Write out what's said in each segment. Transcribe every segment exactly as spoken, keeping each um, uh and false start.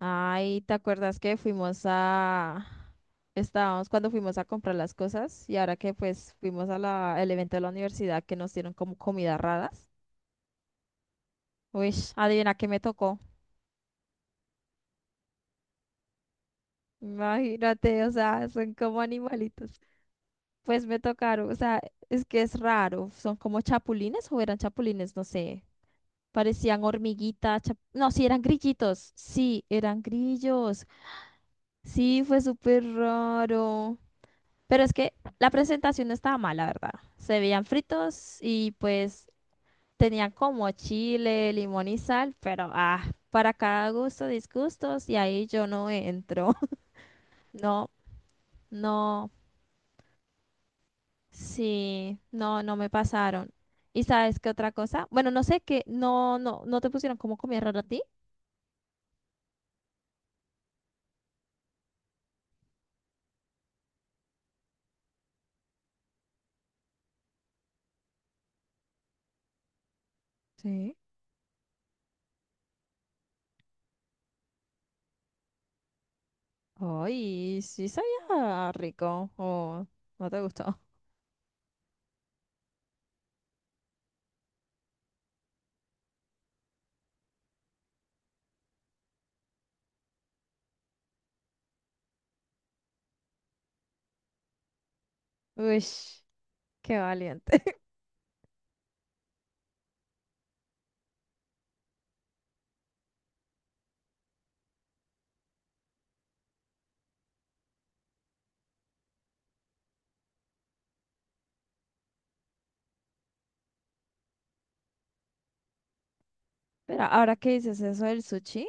Ay, ¿te acuerdas que fuimos a... Estábamos cuando fuimos a comprar las cosas y ahora que pues fuimos a la... el evento de la universidad que nos dieron como comidas raras. Uy, adivina qué me tocó. Imagínate, o sea, son como animalitos. Pues me tocaron, o sea, es que es raro. Son como chapulines o eran chapulines, no sé. Parecían hormiguitas, chap- no, sí, eran grillitos. Sí, eran grillos. Sí, fue súper raro. Pero es que la presentación no estaba mal, la verdad. Se veían fritos y pues tenían como chile, limón y sal, pero ah, para cada gusto, disgustos, y ahí yo no entro. No, no, sí, no, no me pasaron. ¿Y sabes qué otra cosa? Bueno, no sé qué, no, no, no te pusieron como comida rara a ti. Sí. Ay, sí sabía rico. Oh, no te gustó. Uy, qué valiente. Pero ahora que dices eso del sushi.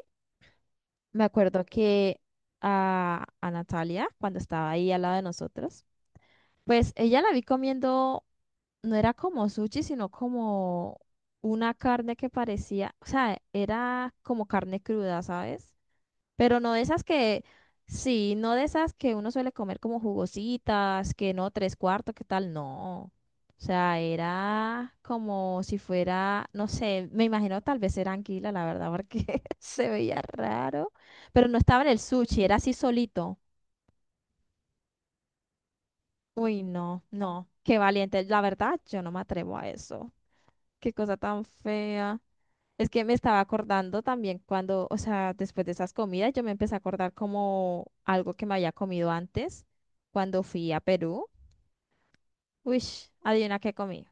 Me acuerdo que a, a Natalia, cuando estaba ahí al lado de nosotros, pues ella la vi comiendo, no era como sushi, sino como una carne que parecía, o sea, era como carne cruda, ¿sabes? Pero no de esas que, sí, no de esas que uno suele comer como jugositas, que no, tres cuartos, que tal, no. O sea, era como si fuera, no sé, me imagino tal vez era anguila, la verdad, porque se veía raro. Pero no estaba en el sushi, era así solito. Uy, no, no, qué valiente. La verdad, yo no me atrevo a eso. Qué cosa tan fea. Es que me estaba acordando también cuando, o sea, después de esas comidas, yo me empecé a acordar como algo que me había comido antes cuando fui a Perú. Uy, adivina qué comí.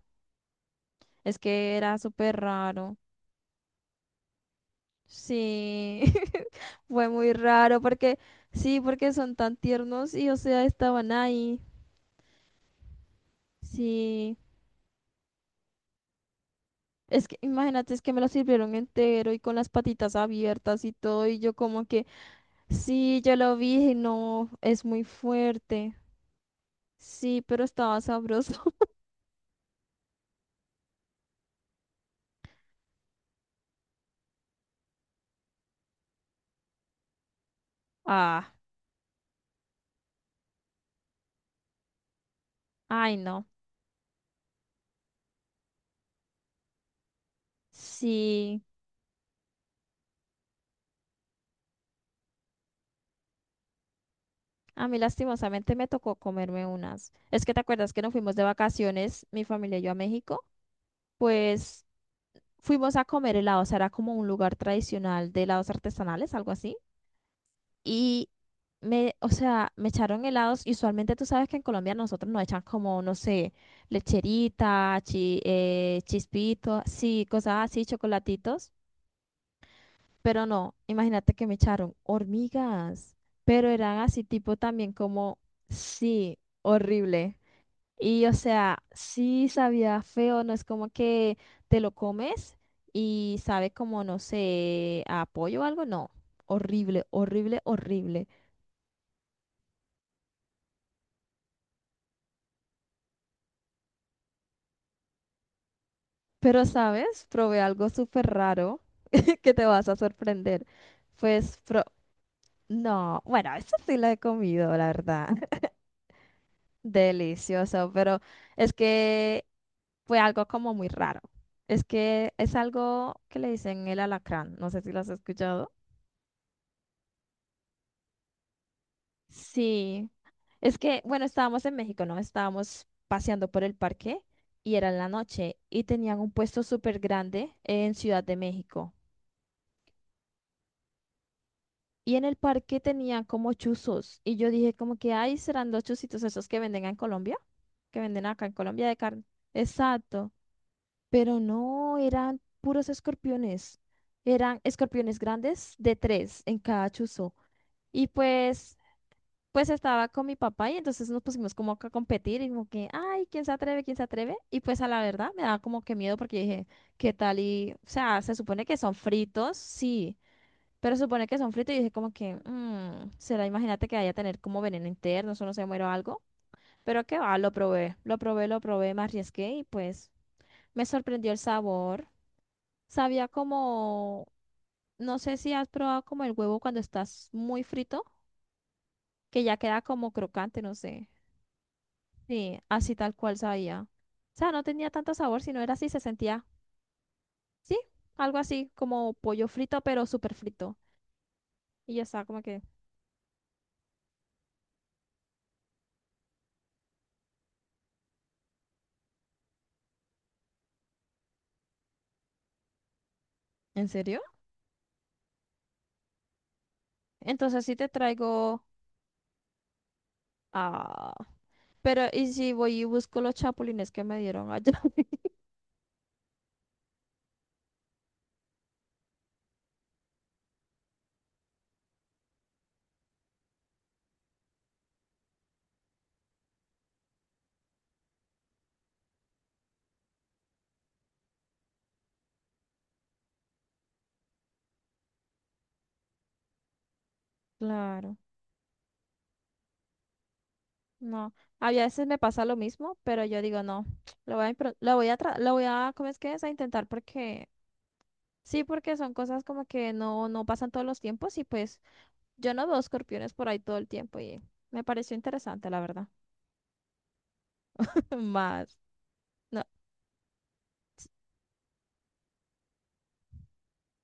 Es que era súper raro. Sí, fue muy raro porque, sí, porque son tan tiernos y, o sea, estaban ahí. Sí, es que imagínate, es que me lo sirvieron entero y con las patitas abiertas y todo, y yo como que, sí, yo lo vi y no, es muy fuerte. Sí, pero estaba sabroso. Ah, ay, no. Sí. A mí lastimosamente me tocó comerme unas. Es que te acuerdas que nos fuimos de vacaciones, mi familia y yo a México. Pues fuimos a comer helados. Era como un lugar tradicional de helados artesanales, algo así. Y me, o sea, me echaron helados. Y usualmente tú sabes que en Colombia nosotros nos echan como, no sé, lecherita, chi- eh, chispito, sí, cosas así, chocolatitos. Pero no, imagínate que me echaron hormigas, pero eran así tipo también como, sí, horrible. Y o sea, sí sabía feo, no es como que te lo comes y sabe como, no sé, a pollo o algo, no. Horrible, horrible, horrible. Pero, ¿sabes? Probé algo súper raro que te vas a sorprender. Pues, pro- no, bueno, eso sí lo he comido, la verdad. Delicioso, pero es que fue algo como muy raro. Es que es algo que le dicen el alacrán. No sé si lo has escuchado. Sí. Es que, bueno, estábamos en México, ¿no? Estábamos paseando por el parque y era en la noche y tenían un puesto súper grande en Ciudad de México. Y en el parque tenían como chuzos. Y yo dije como que, ay, serán los chuzitos esos que venden en Colombia, que venden acá en Colombia de carne. Exacto. Pero no, eran puros escorpiones. Eran escorpiones grandes de tres en cada chuzo. Y pues, pues estaba con mi papá y entonces nos pusimos como que a competir y como que, ay, ¿quién se atreve? ¿Quién se atreve? Y pues a la verdad me daba como que miedo porque dije, ¿qué tal? Y, o sea, se supone que son fritos, sí, pero se supone que son fritos y dije como que, "Mm, será, imagínate que vaya a tener como veneno interno, eso no se muero algo. Pero qué va, lo probé, lo probé, lo probé, me arriesgué y pues me sorprendió el sabor. Sabía como, no sé si has probado como el huevo cuando estás muy frito, que ya queda como crocante, no sé. Sí, así tal cual sabía. O sea, no tenía tanto sabor, sino era así, se sentía, sí, algo así, como pollo frito, pero súper frito. Y ya estaba como que, ¿en serio? Entonces sí te traigo, ah, pero ¿y si voy y busco los chapulines que me dieron allá? Claro. No, a veces me pasa lo mismo, pero yo digo, no, lo voy a, impro- lo voy a, tra- lo voy a, ¿cómo es que es? A intentar porque, sí, porque son cosas como que no, no pasan todos los tiempos y pues yo no veo escorpiones por ahí todo el tiempo y me pareció interesante, la verdad. Más, no,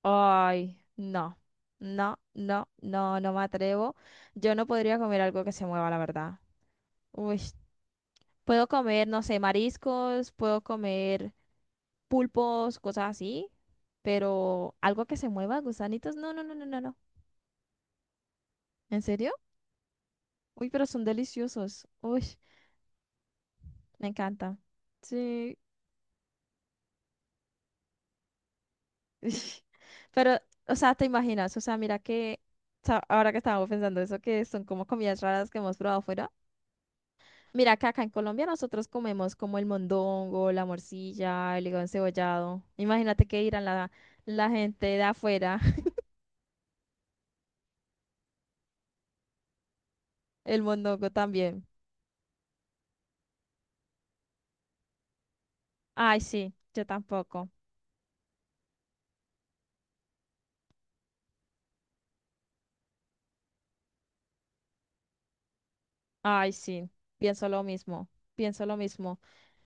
ay, no, no, no, no, no me atrevo. Yo no podría comer algo que se mueva, la verdad. Uy, puedo comer, no sé, mariscos, puedo comer. Pulpos, cosas así, pero algo que se mueva, gusanitos, no, no, no, no, no, no. ¿En serio? Uy, pero son deliciosos. Uy, me encanta. Sí. Pero, o sea, te imaginas, o sea, mira que, o sea, ahora que estábamos pensando eso, que son como comidas raras que hemos probado fuera. Mira que acá en Colombia nosotros comemos como el mondongo, la morcilla, el hígado encebollado. Imagínate que irán la, la gente de afuera, el mondongo también. Ay, sí, yo tampoco. Ay, sí, pienso lo mismo, pienso lo mismo.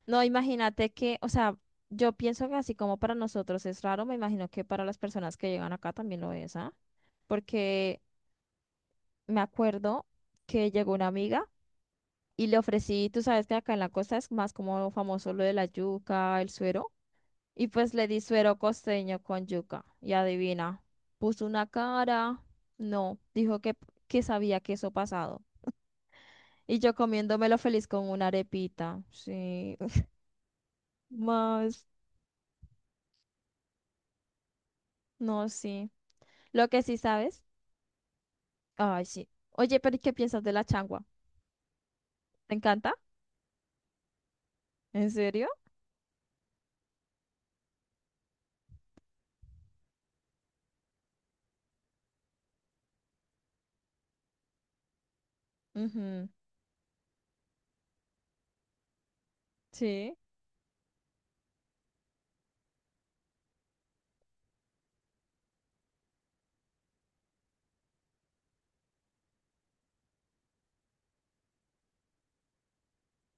No, imagínate que, o sea, yo pienso que así como para nosotros es raro, me imagino que para las personas que llegan acá también lo es, ¿ah? Porque me acuerdo que llegó una amiga y le ofrecí, tú sabes que acá en la costa es más como famoso lo de la yuca, el suero, y pues le di suero costeño con yuca, y adivina, puso una cara, no, dijo que, que sabía queso pasado. Y yo comiéndomelo feliz con una arepita. Sí. Más. No, sí. Lo que sí sabes. Ay, sí. Oye, pero ¿y qué piensas de la changua? ¿Te encanta? ¿En serio? Ujú. Sí,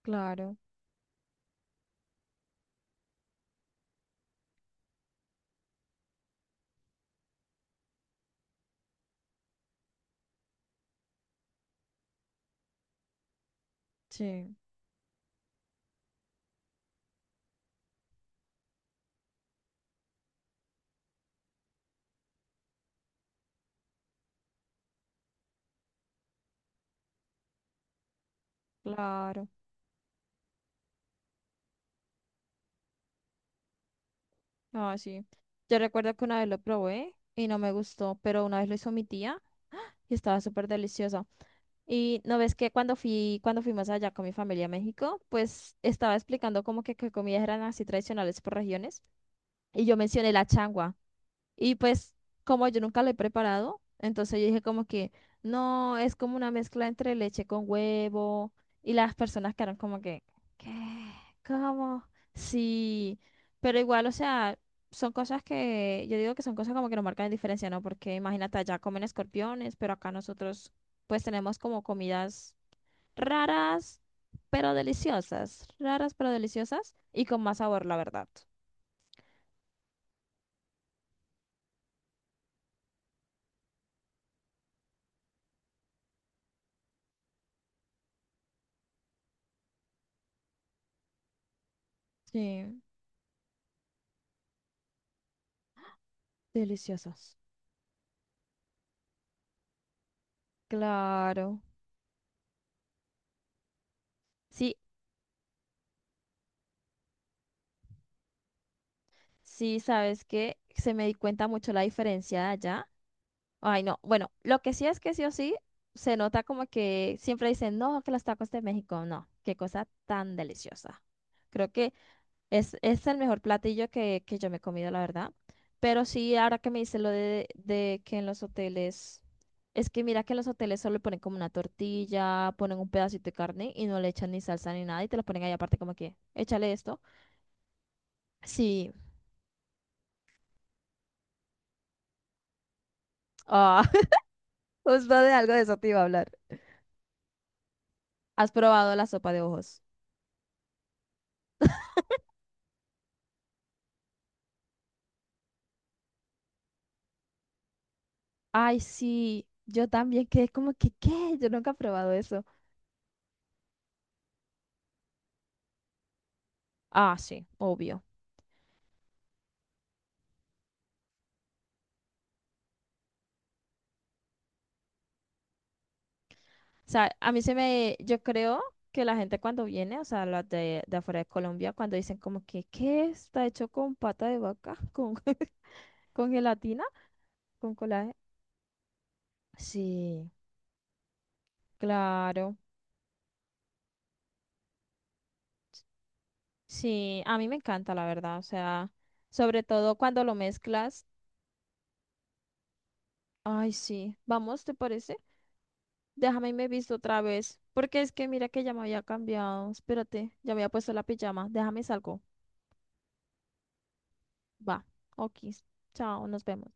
claro. Sí, claro. Ah, sí. Yo recuerdo que una vez lo probé y no me gustó, pero una vez lo hizo mi tía y estaba súper deliciosa. Y no ves que cuando fui, cuando fuimos allá con mi familia a México, pues estaba explicando como que, que comidas eran así tradicionales por regiones. Y yo mencioné la changua. Y pues como yo nunca lo he preparado, entonces yo dije como que no, es como una mezcla entre leche con huevo. Y las personas quedaron como que, ¿qué? ¿Cómo? Sí, pero igual, o sea, son cosas que, yo digo que son cosas como que no marcan diferencia, ¿no? Porque imagínate, allá comen escorpiones, pero acá nosotros pues tenemos como comidas raras, pero deliciosas, raras pero deliciosas y con más sabor, la verdad. Sí, deliciosas. Claro. Sí, sí, sabes que se me di cuenta mucho la diferencia de allá. Ay, no. Bueno, lo que sí es que sí o sí se nota como que siempre dicen, no, que los tacos de México, no, qué cosa tan deliciosa. Creo que es, es el mejor platillo que, que yo me he comido, la verdad. Pero sí, ahora que me dices lo de, de que en los hoteles, es que mira que en los hoteles solo ponen como una tortilla, ponen un pedacito de carne y no le echan ni salsa ni nada y te lo ponen ahí aparte como que, échale esto. Sí. Ah, Justo de algo de eso te iba a hablar. ¿Has probado la sopa de ojos? Ay, sí, yo también quedé como que, ¿qué? Yo nunca he probado eso. Ah, sí, obvio. O sea, a mí se me, yo creo que la gente cuando viene, o sea, las de, de afuera de Colombia, cuando dicen como que, ¿qué? Está hecho con pata de vaca, con, con gelatina, con colágeno. Sí, claro. Sí, a mí me encanta, la verdad. O sea, sobre todo cuando lo mezclas. Ay, sí. Vamos, ¿te parece? Déjame y me visto otra vez. Porque es que mira que ya me había cambiado. Espérate, ya me había puesto la pijama. Déjame y salgo. Va. Ok. Chao, nos vemos.